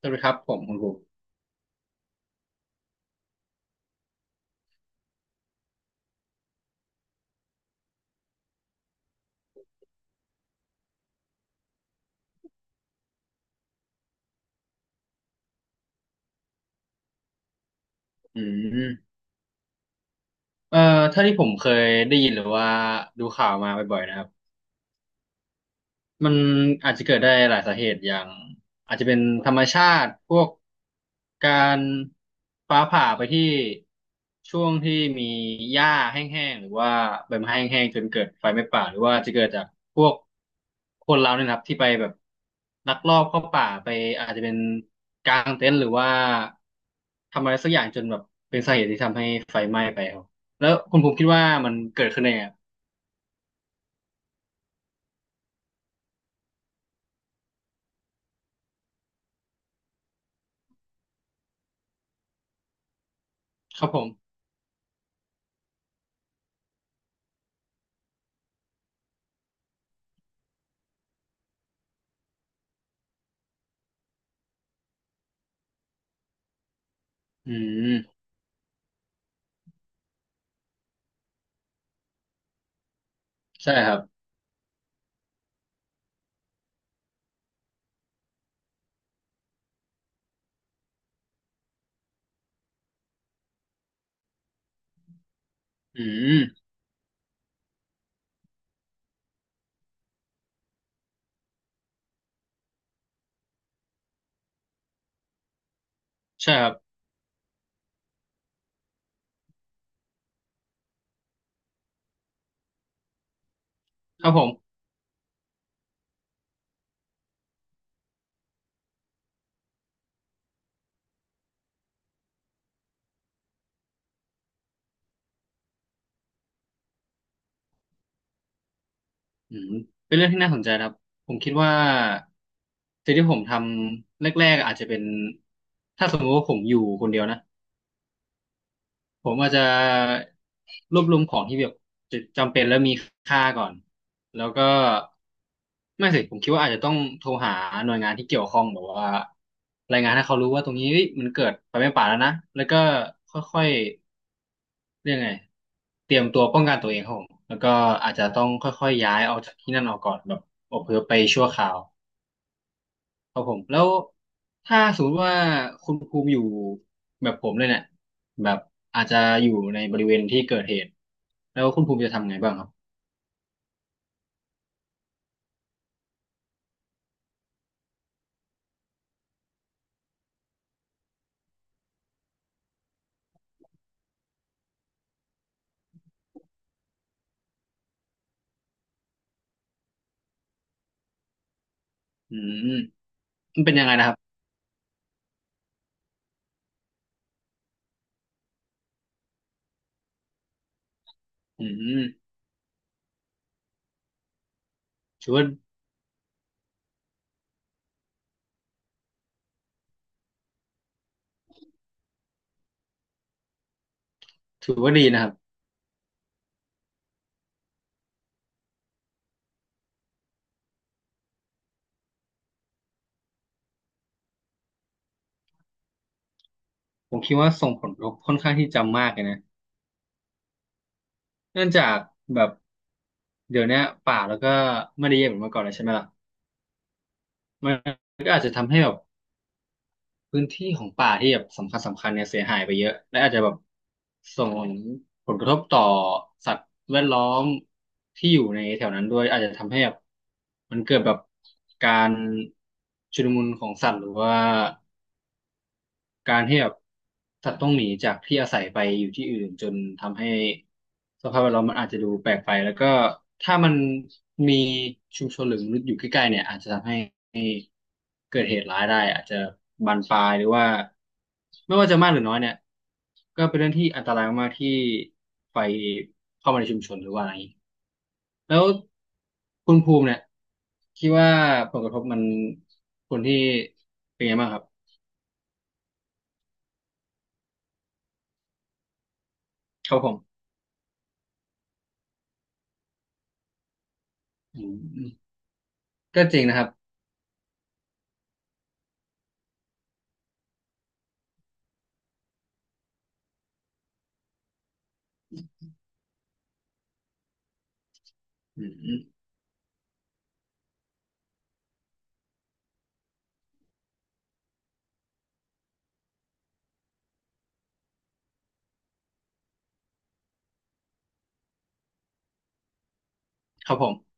สวัสดีครับผมคุณครูอืมเอ่อถ้าที่ผมเคยได้ยินหรือว่าดูข่าวมาบ่อยๆนะครับ มันอาจจะเกิดได้หลายสาเหตุอย่างอาจจะเป็นธรรมชาติพวกการฟ้าผ่าไปที่ช่วงที่มีหญ้าแห้งๆหรือว่าใบไม้แห้งๆจนเกิดไฟไหม้ป่าหรือว่าจะเกิดจากพวกคนเราเนี่ยนะครับที่ไปแบบลักลอบเข้าป่าไปอาจจะเป็นกางเต็นท์หรือว่าทำอะไรสักอย่างจนแบบเป็นสาเหตุที่ทำให้ไฟไหม้ไปครับแล้วคุณภูมิคิดว่ามันเกิดขึ้นได้ไงครับครับผมอืมใช่ครับอืม ใช่ครับครับผมอืมเป็นเรื่องที่น่าสนใจนะครับผมคิดว่าสิ่งที่ผมทำแรกๆอาจจะเป็นถ้าสมมติว่าผมอยู่คนเดียวนะผมอาจจะรวบรวมของที่แบบจำเป็นและมีค่าก่อนแล้วก็ไม่สิผมคิดว่าอาจจะต้องโทรหาหน่วยงานที่เกี่ยวข้องแบบว่ารายงานให้เขารู้ว่าตรงนี้เฮ้ยมันเกิดไฟไหม้ป่าแล้วนะแล้วก็ค่อยๆ เรียกไงเตรียมตัวป้องกันตัวเองครับผมแล้วก็อาจจะต้องค่อยๆย้ายออกจากที่นั่นออกก่อนแบบอพยพไปชั่วคราวครับผมแล้วถ้าสมมติว่าคุณภูมิอยู่แบบผมเลยเนี่ยแบบอาจจะอยู่ในบริเวณที่เกิดเหตุแล้วคุณภูมิจะทำไงบ้างครับอืมมันเป็นยังไงนะครับอืมถือว่าดีนะครับผมคิดว่าส่งผลกระทบค่อนข้างที่จะมากเลยนะเนื่องจากแบบเดี๋ยวเนี้ยป่าแล้วก็ไม่ได้เยอะเหมือนเมื่อก่อนแล้วใช่ไหมล่ะมัน พื้นที่ของป่าที่แบบสำคัญสำคัญเนี่ยเสียหายไปเยอะและอาจจะแบบส่งผลกระทบต่อสัตว์แวดล้อมที่อยู่ในแถวนั้นด้วยอาจจะทำให้แบบมันเกิดแบบการชุลมุนของสัตว์หรือว่าการที่แบบสัตว์ต้องหนีจากที่อาศัยไปอยู่ที่อื่นจนทำให้สภาพแวดล้อมมันอาจจะดูแปลกไปแล้วก็ถ้ามันมีชุมชนหรือมนุษย์อยู่ใกล้ๆเนี่ยอาจจะทำให้ เกิดเหตุร้ายได้อาจจะบานปลายหรือว่าไม่ว่าจะมากหรือน้อยเนี่ยก็เป็นเรื่องที่อันตรายมากๆที่ไฟเข้ามาในชุมชนหรือว่าอะไรอย่างนี้แล้วคุณภูมิเนี่ยคิดว่าผลกระทบมันคนที่เป็นไงบ้างครับครับผมอืมก็จริงนะครับอืมครับผม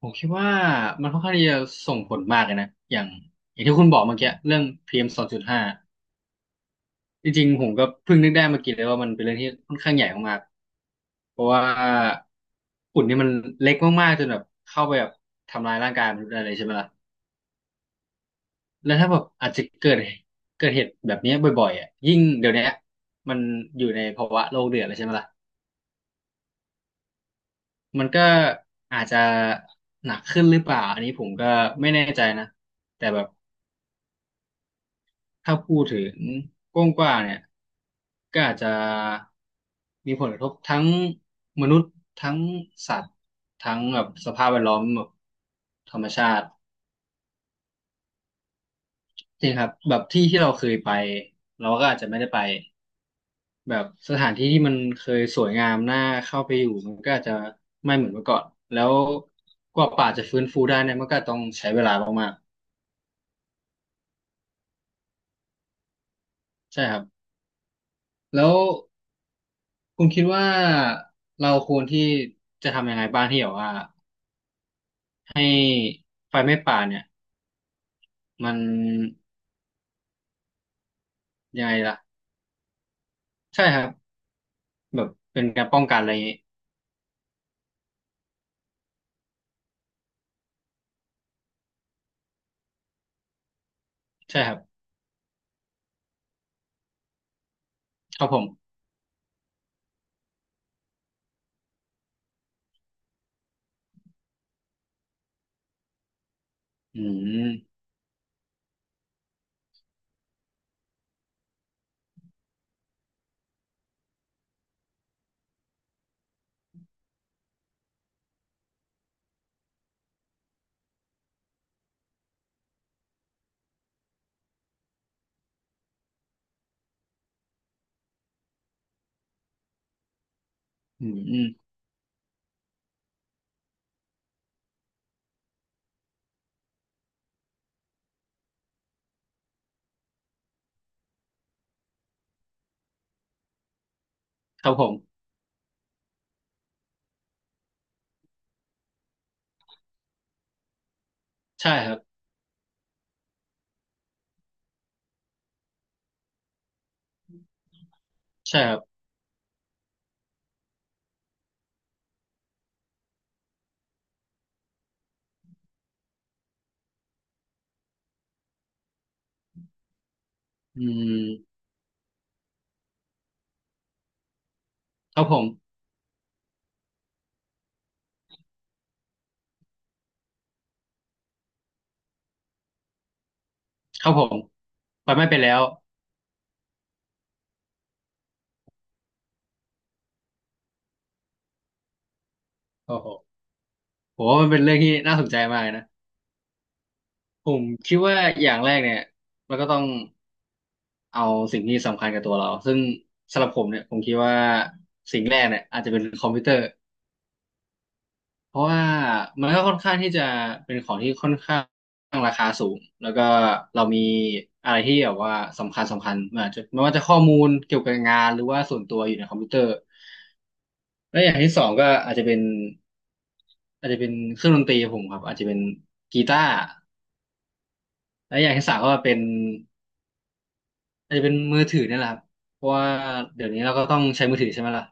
ผมคิดว่ามันค่อนข้างที่จะส่งผลมากเลยนะอย่างที่คุณบอกเมื่อกี้เรื่อง PM 2.5 จริงๆผมก็เพิ่งนึกได้เมื่อกี้เลยว่ามันเป็นเรื่องที่ค่อนข้างใหญ่มากๆเพราะว่าฝุ่นนี่มันเล็กมากๆจนแบบเข้าไปแบบทำลายร่างกายมนุษย์อะไรใช่ไหมล่ะแล้วถ้าแบบอาจจะเกิดเหตุแบบนี้บ่อยๆอ่ะยิ่งเดี๋ยวนี้มันอยู่ในภาวะโลกเดือดเลยใช่ไหมล่ะมันก็อาจจะหนักขึ้นหรือเปล่าอันนี้ผมก็ไม่แน่ใจนะแต่แบบ ถ้าพูดถึงกว้างกว่าเนี่ยก็อาจจะมีผลกระทบทั้งมนุษย์ทั้งสัตว์ทั้งแบบสภาพแวดล้อมแบบธรรมชาติจริงครับแบบที่ที่เราเคยไปเราก็อาจจะไม่ได้ไปแบบสถานที่ที่มันเคยสวยงามน่าเข้าไปอยู่มันก็อาจจะไม่เหมือนเมื่อก่อนแล้วกว่าป่าจะฟื้นฟูได้เนี่ยมันก็ต้องใช้เวลามากๆใช่ครับแล้วคุณคิดว่าเราควรที่จะทำยังไงบ้างที่แบบว่า ให้ไฟไหม้ป่าเนี่ยมันยังไงล่ะใช่ครับแบบเป็นการป้องกันอะไรอย่างงี้ใช่ครับครับผมอืมอืมอืมครับผมใช่ครับใช่ครับอืมครับผมครับผมไฟไม้ไปนแล้วโอ้โหผมว่ามันเป็นเรื่องที่น่าสนใจมากนะผมคิดว่าอย่างแรกเนี่ยเราก็ต้องเอาสิ่งที่สำคัญกับตัวเราซึ่งสำหรับผมเนี่ยผมคิดว่าสิ่งแรกเนี่ยอาจจะเป็นคอมพิวเตอร์เพราะว่ามันก็ค่อนข้างที่จะเป็นของที่ค่อนข้าง แล้วก็เรามีอะไรที่แบบว่าสำคัญสำคัญมันอาจจะไม่ว่าจะข้อมูลเกี่ยวกับงานหรือว่าส่วนตัวอยู่ในคอมพิวเตอร์แล้วอย่างที่สองก็อาจจะเป็นอาจจะเป็นเครื่องดนตรีของผมครับอาจจะเป็นกีตาร์แล้วอย่างที่สามก็เป็นอาจจะเป็นมือถือเนี่ยแหละครับเพราะว่าเดี๋ยวนี้เราก็ต้องใช้มือถือใช่ไหมล่ะ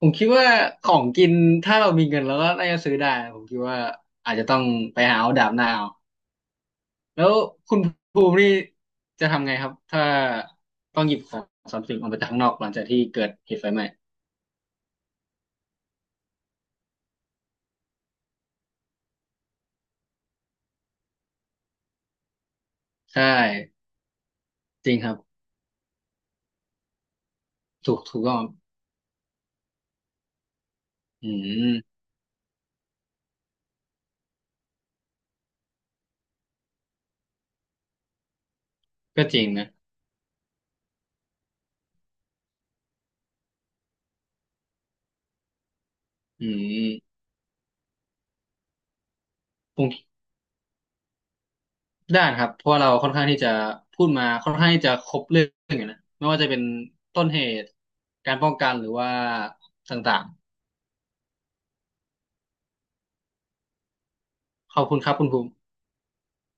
ผมคิดว่าของกินถ้าเรามีเงินเราก็น่าจะซื้อได้ผมคิดว่าอาจจะต้องไปหาเอาดาบหน้าเอา แล้วคุณภูมินี่จะทำไงครับถ้าต้องหยิบของทรัพย์สินออกมาจากข้างนอกหลังจากที่เกิดเหตุไฟไหม้ใช่จริงครับถูกต้องครับอืมก็จริงนะอืมผมได้านครับเพราะว่าเราค่อนข้างที่จะพูดมาค่อนข้างที่จะครบเรื่องอยู่นะไม่ว่าจะเป็นต้นเหตุการป้องกันหรือว่าต่างๆขอบคุณครับคุณภูมิ